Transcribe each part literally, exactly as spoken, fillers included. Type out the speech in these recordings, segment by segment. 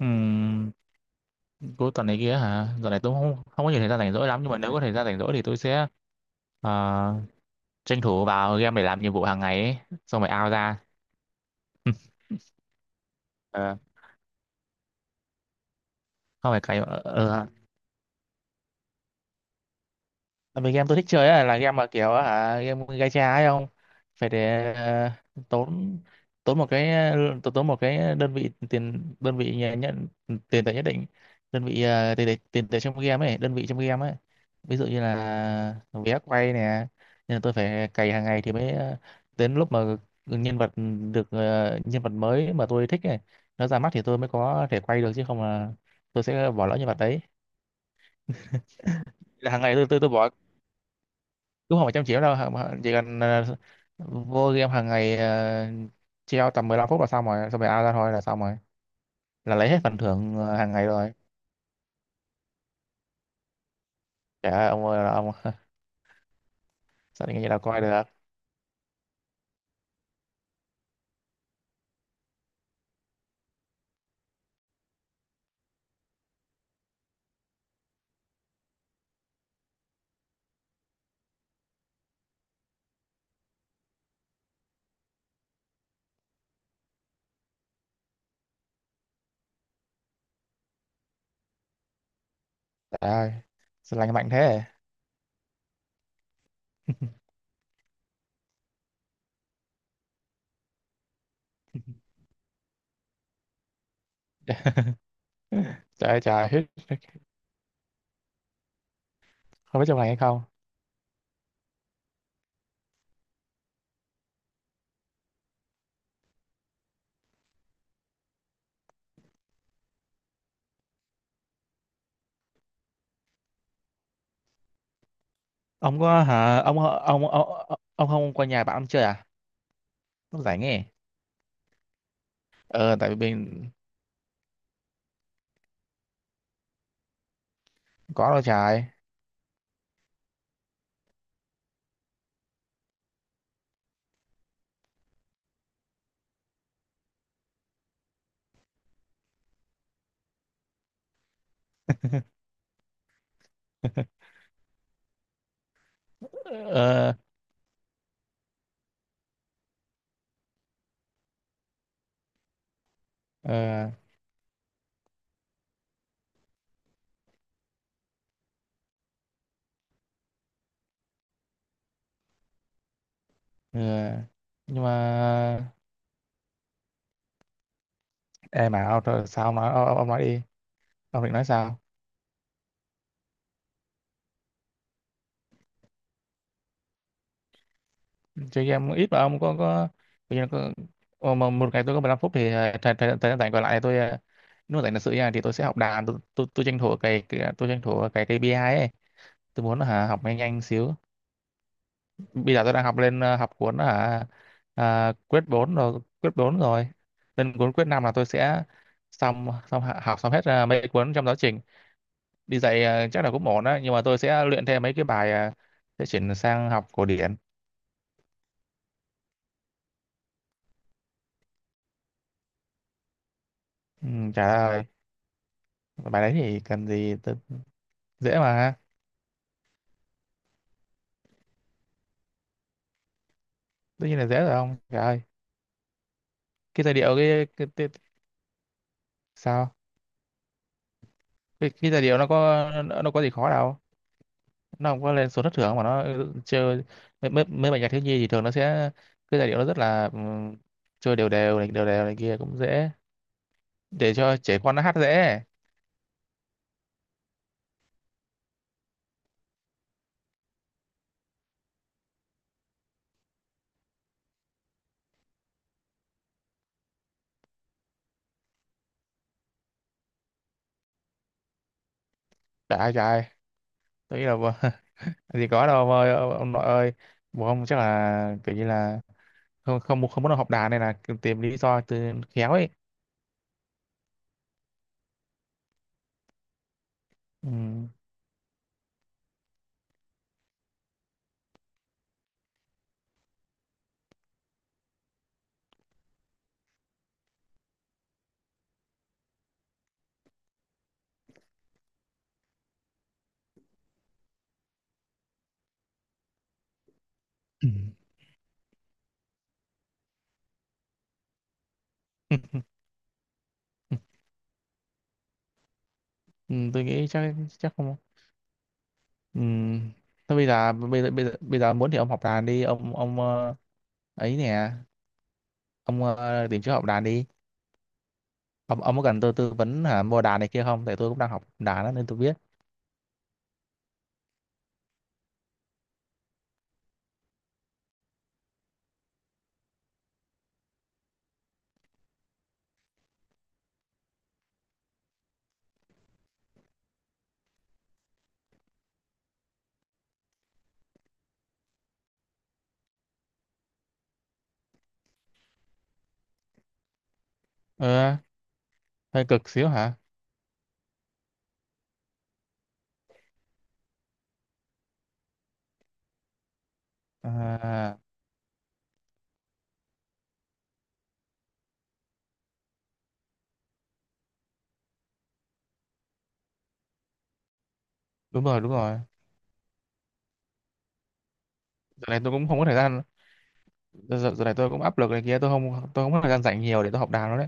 Ừm, cuối tuần này kia hả? Giờ này tôi không không có nhiều thời gian rảnh rỗi lắm, nhưng mà nếu có thời gian rảnh rỗi thì tôi sẽ ờ, tranh thủ vào game để làm nhiệm vụ hàng ngày ấy, xong rồi out ra. Ờ, không phải cày. Tại vì game tôi thích chơi á, là game mà kiểu hả game gacha ấy, không phải để ờ, tốn tốn một cái tốn tốn một cái đơn vị tiền, đơn vị nhà nhận tiền tệ nhất định, đơn vị ờ, tiền tệ tiền tệ trong game ấy, đơn vị trong game ấy, ví dụ như là vé quay nè. Nên là tôi phải cày hàng ngày thì mới ờ, đến lúc mà nhân vật được ờ, nhân vật mới mà tôi thích ấy nó ra mắt thì tôi mới có thể quay được, chứ không là tôi sẽ bỏ lỡ nhân vật đấy. Là hàng ngày tôi tôi tôi bỏ đúng không phải trăm triệu đâu hả- chỉ cần ờ, vô game hàng ngày ờ, treo tầm mười lăm phút là xong rồi, xong rồi out ra thôi là xong rồi, là lấy hết phần thưởng ờ, hàng ngày rồi. Trời ơi ông ơi là ông sao định nghĩ là coi được. Trời ơi sao lành mạnh thế. Trời ơi trời hết, không biết trong này hay không. Ông có hả ông, ông ông ông, ông không qua nhà bạn ông chơi à, lúc rảnh nghe. Ờ tại vì mình có đâu trời. Ờ. Ờ. Ờ. Nhưng mà em mà ông, sao ông nói ông, ông nói đi, ông định nói sao. Chơi game ít mà ông có có bây giờ có, ờ, mà một ngày tôi có mười lăm phút thì ờ, thời thời thời gian rảnh còn lại tôi ờ, nếu mà rảnh thật sự nha thì tôi sẽ học đàn. Tôi tôi, tôi tranh thủ cái, cái tôi tranh thủ cái kây pi ai ấy, tôi muốn hả, học nhanh nhanh xíu. Bây giờ tôi đang học lên ờ, học cuốn hả à, quyết bốn rồi, quyết bốn rồi lên cuốn quyết năm là tôi sẽ xong, xong hạ- học xong hết ờ, mấy cuốn trong giáo trình. Đi dạy ờ, chắc là cũng ổn đó, nhưng mà tôi sẽ luyện thêm mấy cái bài ờ, sẽ chuyển sang học cổ điển. Ừ, trả lời. Bài đấy thì cần gì tôi, dễ mà. Tất nhiên là dễ rồi ông, trời ơi. Cái giai điệu cái, cái, cái sao, cái, cái giai điệu nó có nó, nó có gì khó đâu. Nó không có lên số thất thường mà nó ừ, chơi mấy, mấy, mấy bài nhạc thiếu nhi thì thường nó sẽ, cái giai điệu nó rất là ừm, chơi đều đều này đều đều này kia, cũng dễ để cho trẻ con nó hát dễ. Trời ơi, trời ơi, tôi nghĩ là bố- gì có đâu ông ơi ông, ông nội ơi. Bố ông chắc là kiểu như là không, không không muốn học đàn này, là tìm lý do từ khéo ấy. Ừm. Ừ. Ừ, tôi nghĩ chắc, chắc không. Ừ. Thôi bây giờ bây giờ bây giờ, bây giờ muốn thì ông học đàn đi ông ông ờ, ấy nè, ông ờ, tìm chỗ học đàn đi. Ông ông có cần tôi tư vấn hả mua đàn này kia không, tại tôi cũng đang học đàn đó, nên tôi biết. Ờ, hơi cực xíu hả. À, đúng rồi đúng rồi giờ này tôi cũng không có thời gian. Giờ, giờ này tôi cũng áp lực này kia, tôi không tôi không có thời gian rảnh nhiều để tôi học đàn đó.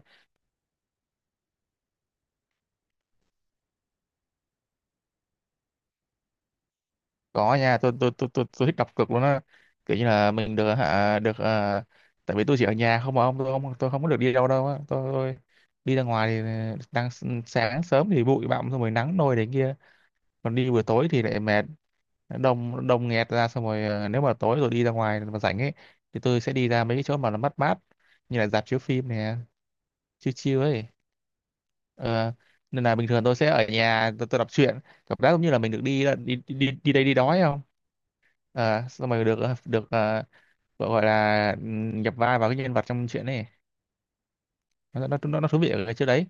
Có nha, tôi tôi tôi tôi, tôi thích đặt cược luôn á, kiểu như là mình được hả được à, tại vì tôi chỉ ở nhà không mà ông, tôi không tôi không có được đi đâu đâu á, tôi, tôi đi ra ngoài thì ờ, đang s- sáng sớm thì bụi bặm, xong rồi nắng nôi đấy kia, còn đi buổi tối thì lại mệt, đông đông nghẹt ra, xong rồi à, nếu mà tối rồi đi ra ngoài mà rảnh ấy thì tôi sẽ đi ra mấy cái chỗ mà nó mát mát, như là rạp chiếu phim nè, chill chill ấy. Ờ, nên là bình thường tôi sẽ ở nhà, tôi, tôi đọc truyện, cảm giác giống như là mình được đi đi đi đi đây đi đó ấy không. Ờ, xong rồi được ờ, được ờ, gọi, gọi là ừm, nhập vai vào cái nhân vật trong chuyện này, nó nó nó, nó thú vị ở cái chỗ đấy.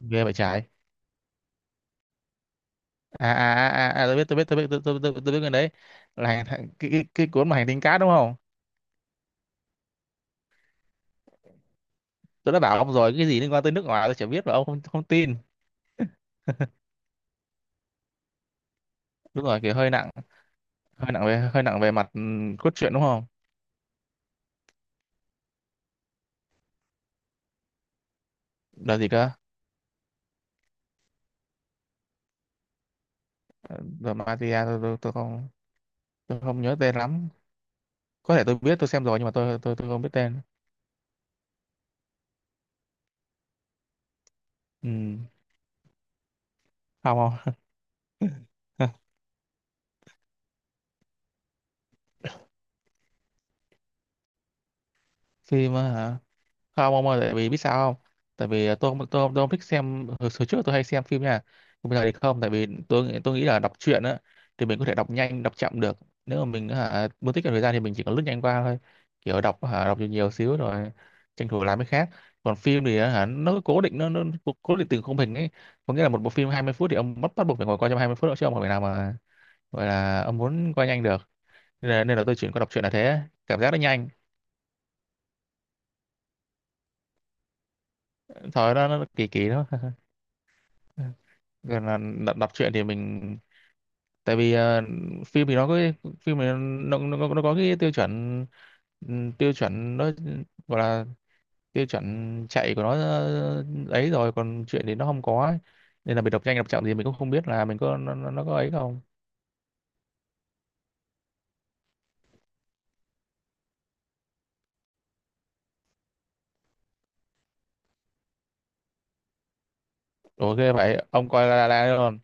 Ghê vậy trái. À à à à à, tôi biết tôi biết tôi biết tôi tôi tôi, tôi biết cái đấy, là hành- hành- cái, cái, cái cuốn mà hành tinh cát đúng không. Tôi đã bảo ông rồi, cái gì liên quan tới nước ngoài tôi chả biết mà ông không, không tin. Đúng rồi kiểu hơi nặng, hơi nặng về hơi nặng về mặt ừm, cốt truyện đúng không. Là gì cơ. Rồi Matia, tôi, tôi tôi không. Tôi không nhớ tên lắm, có thể tôi biết tôi xem rồi, nhưng mà tôi tôi tôi không biết tên. Ừ. Không. Không. Phim á hả? Không ông ơi, tại vì biết sao không? Tại vì à, tôi không tôi, không- tôi không thích xem. Hồi, hồi trước tôi hay xem phim nha, nhưng bây giờ thì không, tại vì tôi nghĩ- tôi nghĩ là đọc truyện á thì mình có thể đọc nhanh đọc chậm được. Nếu mà mình hả muốn tiết kiệm thời gian thì mình chỉ có lướt nhanh qua thôi, kiểu đọc hả đọc nhiều nhiều xíu rồi tranh thủ làm cái khác. Còn phim thì hả nó cố định, nó nó cố, cố định từng khung hình ấy, có nghĩa là một bộ phim hai mươi phút thì ông bắt, bắt buộc phải ngồi coi trong hai mươi phút đó, chứ ông không thể nào mà gọi là ông muốn coi nhanh được. nên là, nên là tôi chuyển qua đọc truyện là thế, cảm giác nó nhanh. Thôi nó, nó kỳ kỳ đó. Gần là đọc, đọc truyện thì mình, tại vì ờ, phim thì nó có cái- phim thì nó, nó, nó, nó có cái tiêu chuẩn ừm, tiêu chuẩn nó gọi là tiêu chuẩn chạy của nó ờ, ấy, rồi còn truyện thì nó không có ấy. Nên là mình đọc nhanh đọc chậm thì mình cũng không biết là mình có nó, nó, nó có ấy không. Ủa ghê vậy ông coi La La Land luôn.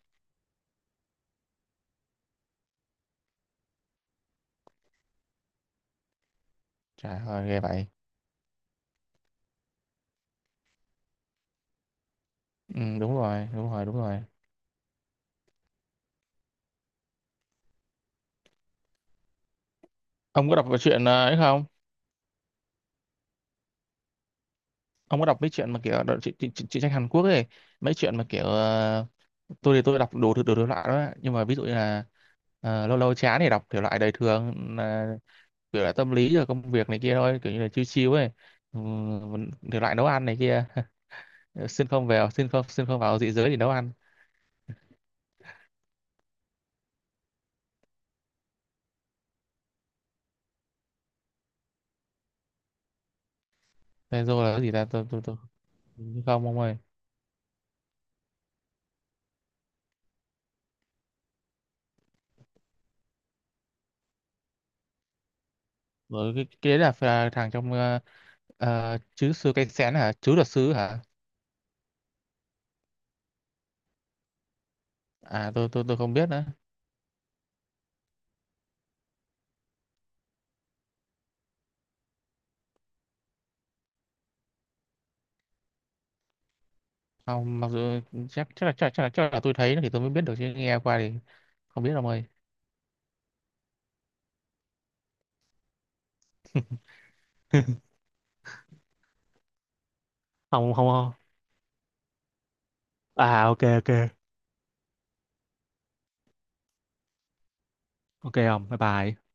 Trời ơi ghê vậy. Ừ, đúng rồi đúng rồi đúng rồi. Ông có đọc cái chuyện ờ, ấy không. Ông có đọc mấy chuyện mà kiểu đọc, chị, chị, chị, truyện tranh Hàn Quốc ấy, mấy chuyện mà kiểu ờ, tôi thì tôi đọc đồ thứ đồ thể loại đó, nhưng mà ví dụ như là ờ, lâu lâu chán thì đọc thể loại đời thường, là kiểu là tâm lý rồi công việc này kia thôi, kiểu như là chill chill ấy. Ừ, thể loại nấu ăn này kia. Xin không vào xin không xin không vào dị giới thì nấu ăn. Thế rồi là cái gì ta, tôi tôi tôi không. Ông ơi rồi cái, cái đấy là, là thằng trong ờ, ờ, chứ sư cây xén hả, chứ luật sư hả. À tôi tôi tôi không biết nữa. Không, mặc dù chắc, chắc là chắc, chắc là chắc là tôi thấy nó thì tôi mới biết được, chứ nghe qua thì không biết ông ơi. Không không không. À ok ok. Ok không? Bye bye.